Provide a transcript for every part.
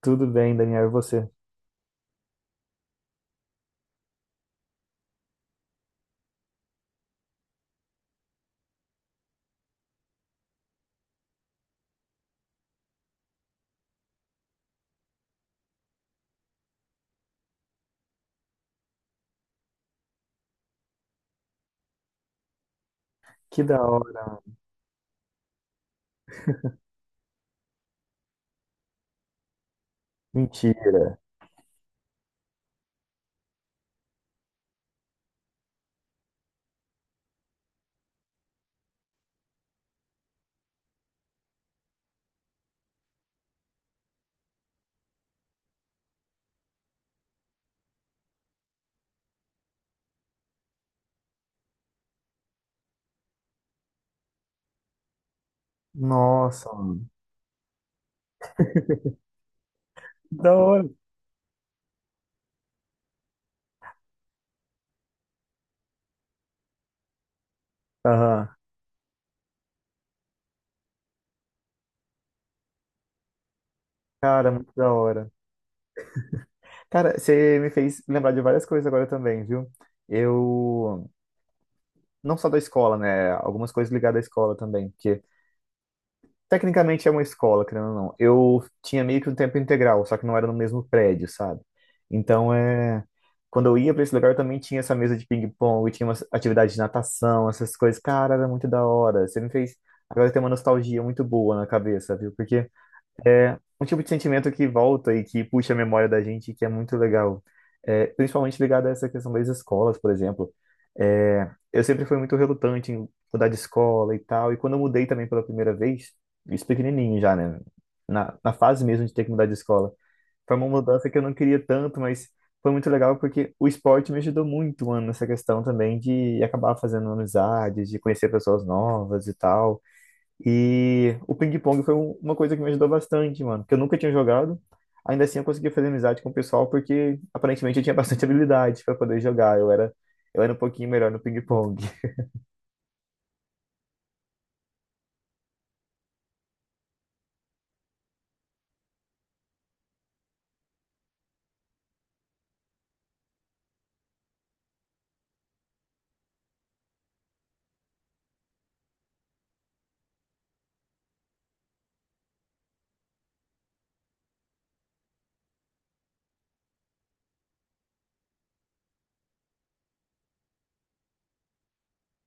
Tudo bem, Daniel, e você? Que da hora, mano. Mentira. Nossa, mano. Que da hora. Aham. Cara, muito da hora. Cara, você me fez lembrar de várias coisas agora também, viu? Eu, não só da escola, né? Algumas coisas ligadas à escola também, porque tecnicamente é uma escola, querendo ou não. Eu tinha meio que um tempo integral, só que não era no mesmo prédio, sabe? Então é. Quando eu ia pra esse lugar, eu também tinha essa mesa de ping-pong, tinha umas atividades de natação, essas coisas. Cara, era muito da hora. Você me fez. Agora tem uma nostalgia muito boa na cabeça, viu? Porque é um tipo de sentimento que volta e que puxa a memória da gente, e que é muito legal. É, principalmente ligado a essa questão das escolas, por exemplo. É, eu sempre fui muito relutante em mudar de escola e tal, e quando eu mudei também pela primeira vez, isso pequenininho já, né? Na fase mesmo de ter que mudar de escola. Foi uma mudança que eu não queria tanto, mas foi muito legal porque o esporte me ajudou muito, mano, nessa questão também de acabar fazendo amizades, de conhecer pessoas novas e tal. E o ping-pong foi uma coisa que me ajudou bastante, mano, porque eu nunca tinha jogado. Ainda assim, eu consegui fazer amizade com o pessoal porque aparentemente eu tinha bastante habilidade para poder jogar. Eu era um pouquinho melhor no ping-pong.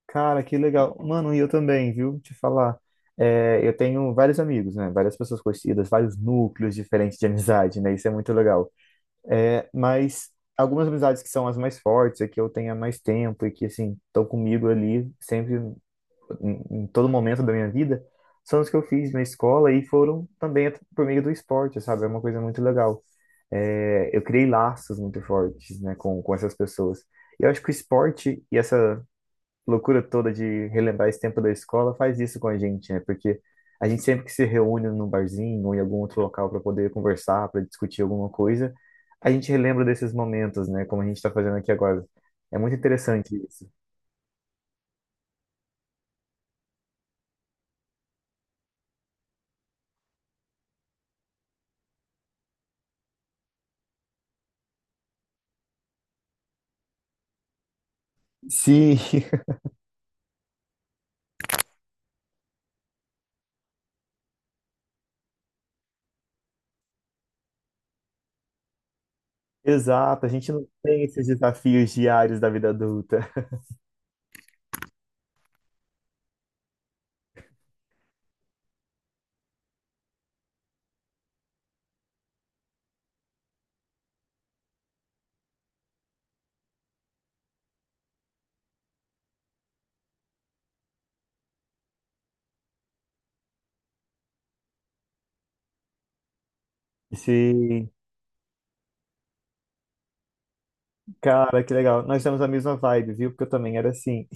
Cara, que legal. Mano, e eu também, viu? Te falar. É, eu tenho vários amigos, né? Várias pessoas conhecidas, vários núcleos diferentes de amizade, né? Isso é muito legal. É, mas algumas amizades que são as mais fortes, é que eu tenho há mais tempo e que, assim, estão comigo ali sempre em todo momento da minha vida são os que eu fiz na escola e foram também por meio do esporte, sabe? É uma coisa muito legal. É, eu criei laços muito fortes, né, com essas pessoas. E eu acho que o esporte e essa loucura toda de relembrar esse tempo da escola faz isso com a gente, né? Porque a gente sempre que se reúne num barzinho ou em algum outro local para poder conversar, para discutir alguma coisa, a gente relembra desses momentos, né? Como a gente está fazendo aqui agora. É muito interessante isso. Sim. Exato, a gente não tem esses desafios diários da vida adulta. Sim, cara, que legal. Nós temos a mesma vibe, viu? Porque eu também era assim.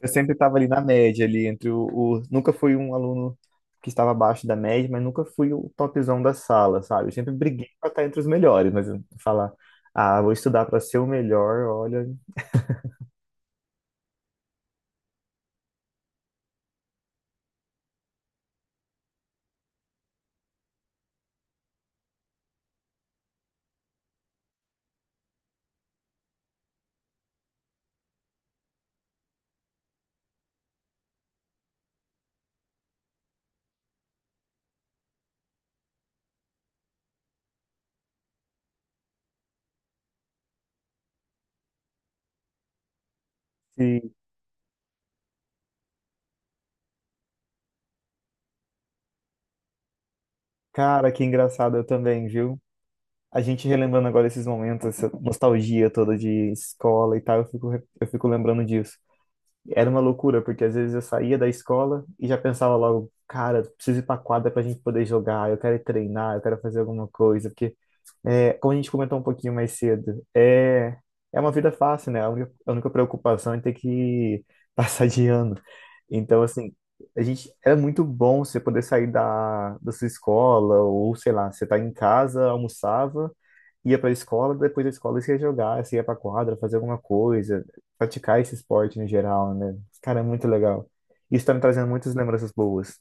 Eu sempre estava ali na média, ali entre nunca fui um aluno que estava abaixo da média, mas nunca fui o topzão da sala, sabe? Eu sempre briguei para estar entre os melhores, mas eu falar, ah, vou estudar para ser o melhor, olha. E, cara, que engraçado eu também, viu? A gente relembrando agora esses momentos, essa nostalgia toda de escola e tal, eu fico lembrando disso. Era uma loucura, porque às vezes eu saía da escola e já pensava logo, cara, preciso ir pra quadra pra gente poder jogar, eu quero ir treinar, eu quero fazer alguma coisa, porque, é, como a gente comentou um pouquinho mais cedo, é, é uma vida fácil, né? A única preocupação é ter que passar de ano. Então, assim, a gente, é muito bom você poder sair da sua escola, ou sei lá, você tá em casa, almoçava, ia para a escola, depois da escola você ia jogar, você ia para quadra, fazer alguma coisa, praticar esse esporte no geral, né? Cara, é muito legal. Isso tá me trazendo muitas lembranças boas.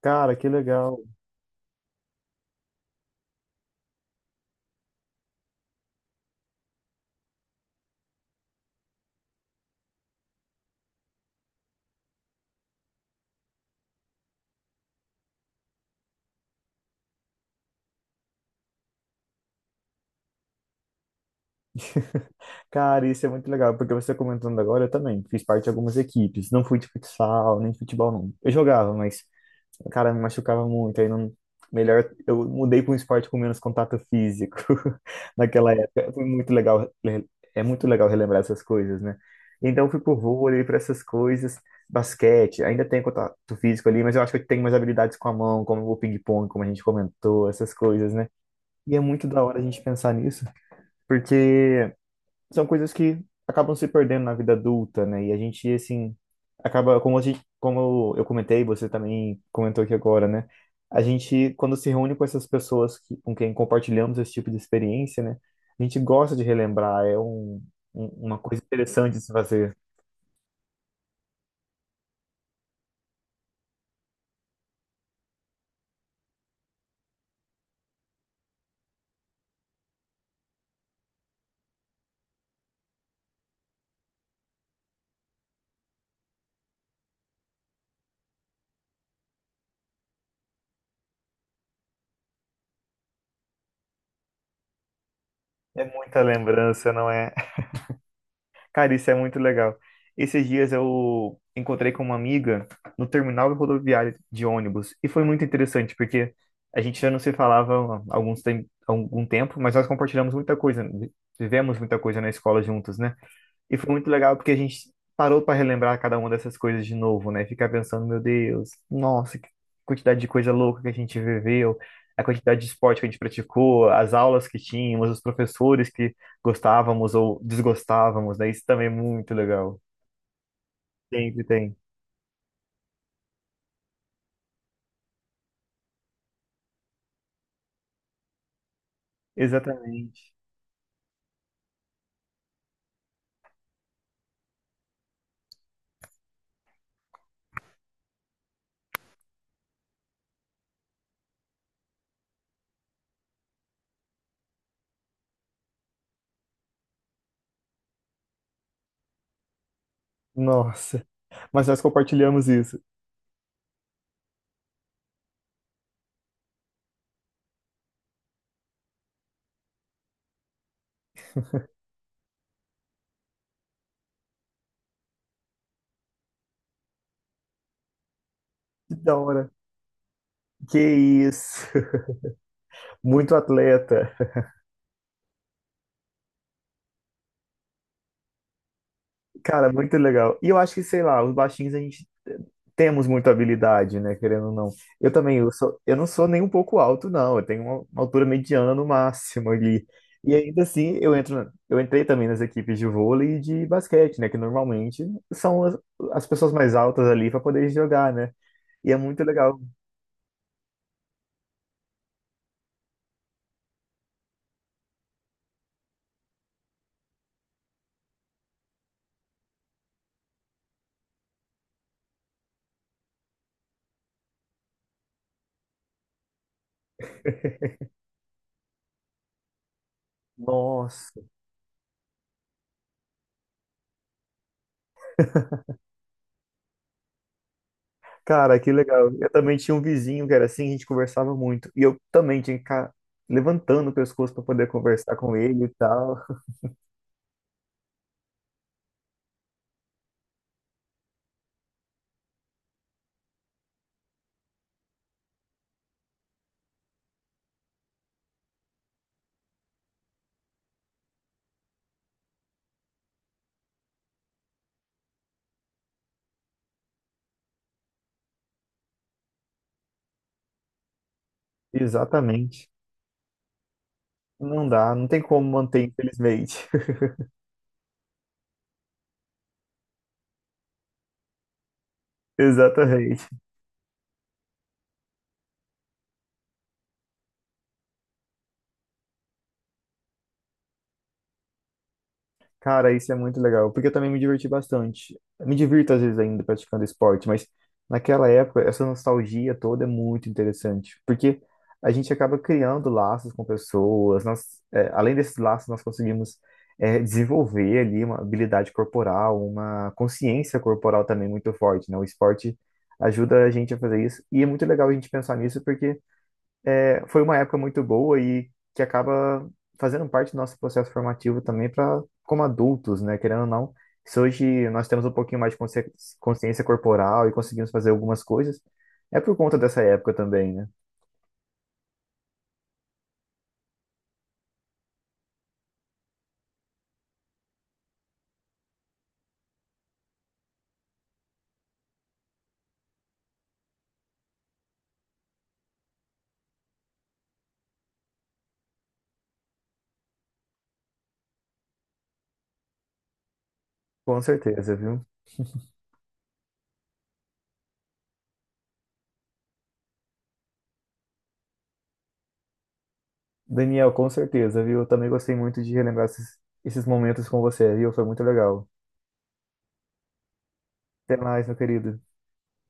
Cara, que legal. Cara, isso é muito legal, porque você comentando agora, eu também fiz parte de algumas equipes. Não fui de futsal, nem de futebol, não. Eu jogava, mas cara, me machucava muito, aí não... Melhor, eu mudei para um esporte com menos contato físico naquela época. Foi muito legal, é muito legal relembrar essas coisas, né? Então eu fui pro vôlei, para essas coisas, basquete, ainda tem contato físico ali, mas eu acho que eu tenho mais habilidades com a mão, como o ping-pong, como a gente comentou, essas coisas, né? E é muito da hora a gente pensar nisso, porque são coisas que acabam se perdendo na vida adulta, né? E a gente, assim, acaba, como a gente, como eu comentei, você também comentou aqui agora, né? A gente, quando se reúne com essas pessoas que, com quem compartilhamos esse tipo de experiência, né? A gente gosta de relembrar, é uma coisa interessante de se fazer. É muita lembrança, não é? Cara, isso é muito legal. Esses dias eu encontrei com uma amiga no terminal rodoviário de ônibus e foi muito interessante porque a gente já não se falava há algum tempo, mas nós compartilhamos muita coisa, vivemos muita coisa na escola juntos, né? E foi muito legal porque a gente parou para relembrar cada uma dessas coisas de novo, né? Ficar pensando, meu Deus, nossa, que quantidade de coisa louca que a gente viveu, a quantidade de esporte que a gente praticou, as aulas que tínhamos, os professores que gostávamos ou desgostávamos, né? Isso também é muito legal. Sempre tem. Exatamente. Nossa, mas nós compartilhamos isso. Que da hora. Que isso. Muito atleta. Cara, muito legal. E eu acho que, sei lá, os baixinhos a gente temos muita habilidade, né? Querendo ou não. Eu não sou nem um pouco alto, não. Eu tenho uma altura mediana no máximo ali. E ainda assim, eu entrei também nas equipes de vôlei e de basquete, né? Que normalmente são as pessoas mais altas ali para poder jogar, né? E é muito legal. Nossa, cara, que legal. Eu também tinha um vizinho que era assim, a gente conversava muito. E eu também tinha que ficar levantando o pescoço para poder conversar com ele e tal. Exatamente. Não dá, não tem como manter, infelizmente. Exatamente. Cara, isso é muito legal, porque eu também me diverti bastante. Me divirto às vezes ainda praticando esporte, mas naquela época, essa nostalgia toda é muito interessante, porque a gente acaba criando laços com pessoas, nós, é, além desses laços, nós conseguimos é, desenvolver ali uma habilidade corporal, uma consciência corporal também muito forte, né? O esporte ajuda a gente a fazer isso, e é muito legal a gente pensar nisso, porque foi uma época muito boa e que acaba fazendo parte do nosso processo formativo também para como adultos, né? Querendo ou não, se hoje nós temos um pouquinho mais de consciência corporal e conseguimos fazer algumas coisas, é por conta dessa época também, né? Com certeza, viu? Daniel, com certeza, viu? Eu também gostei muito de relembrar esses, esses momentos com você, viu? Foi muito legal. Até mais, meu querido.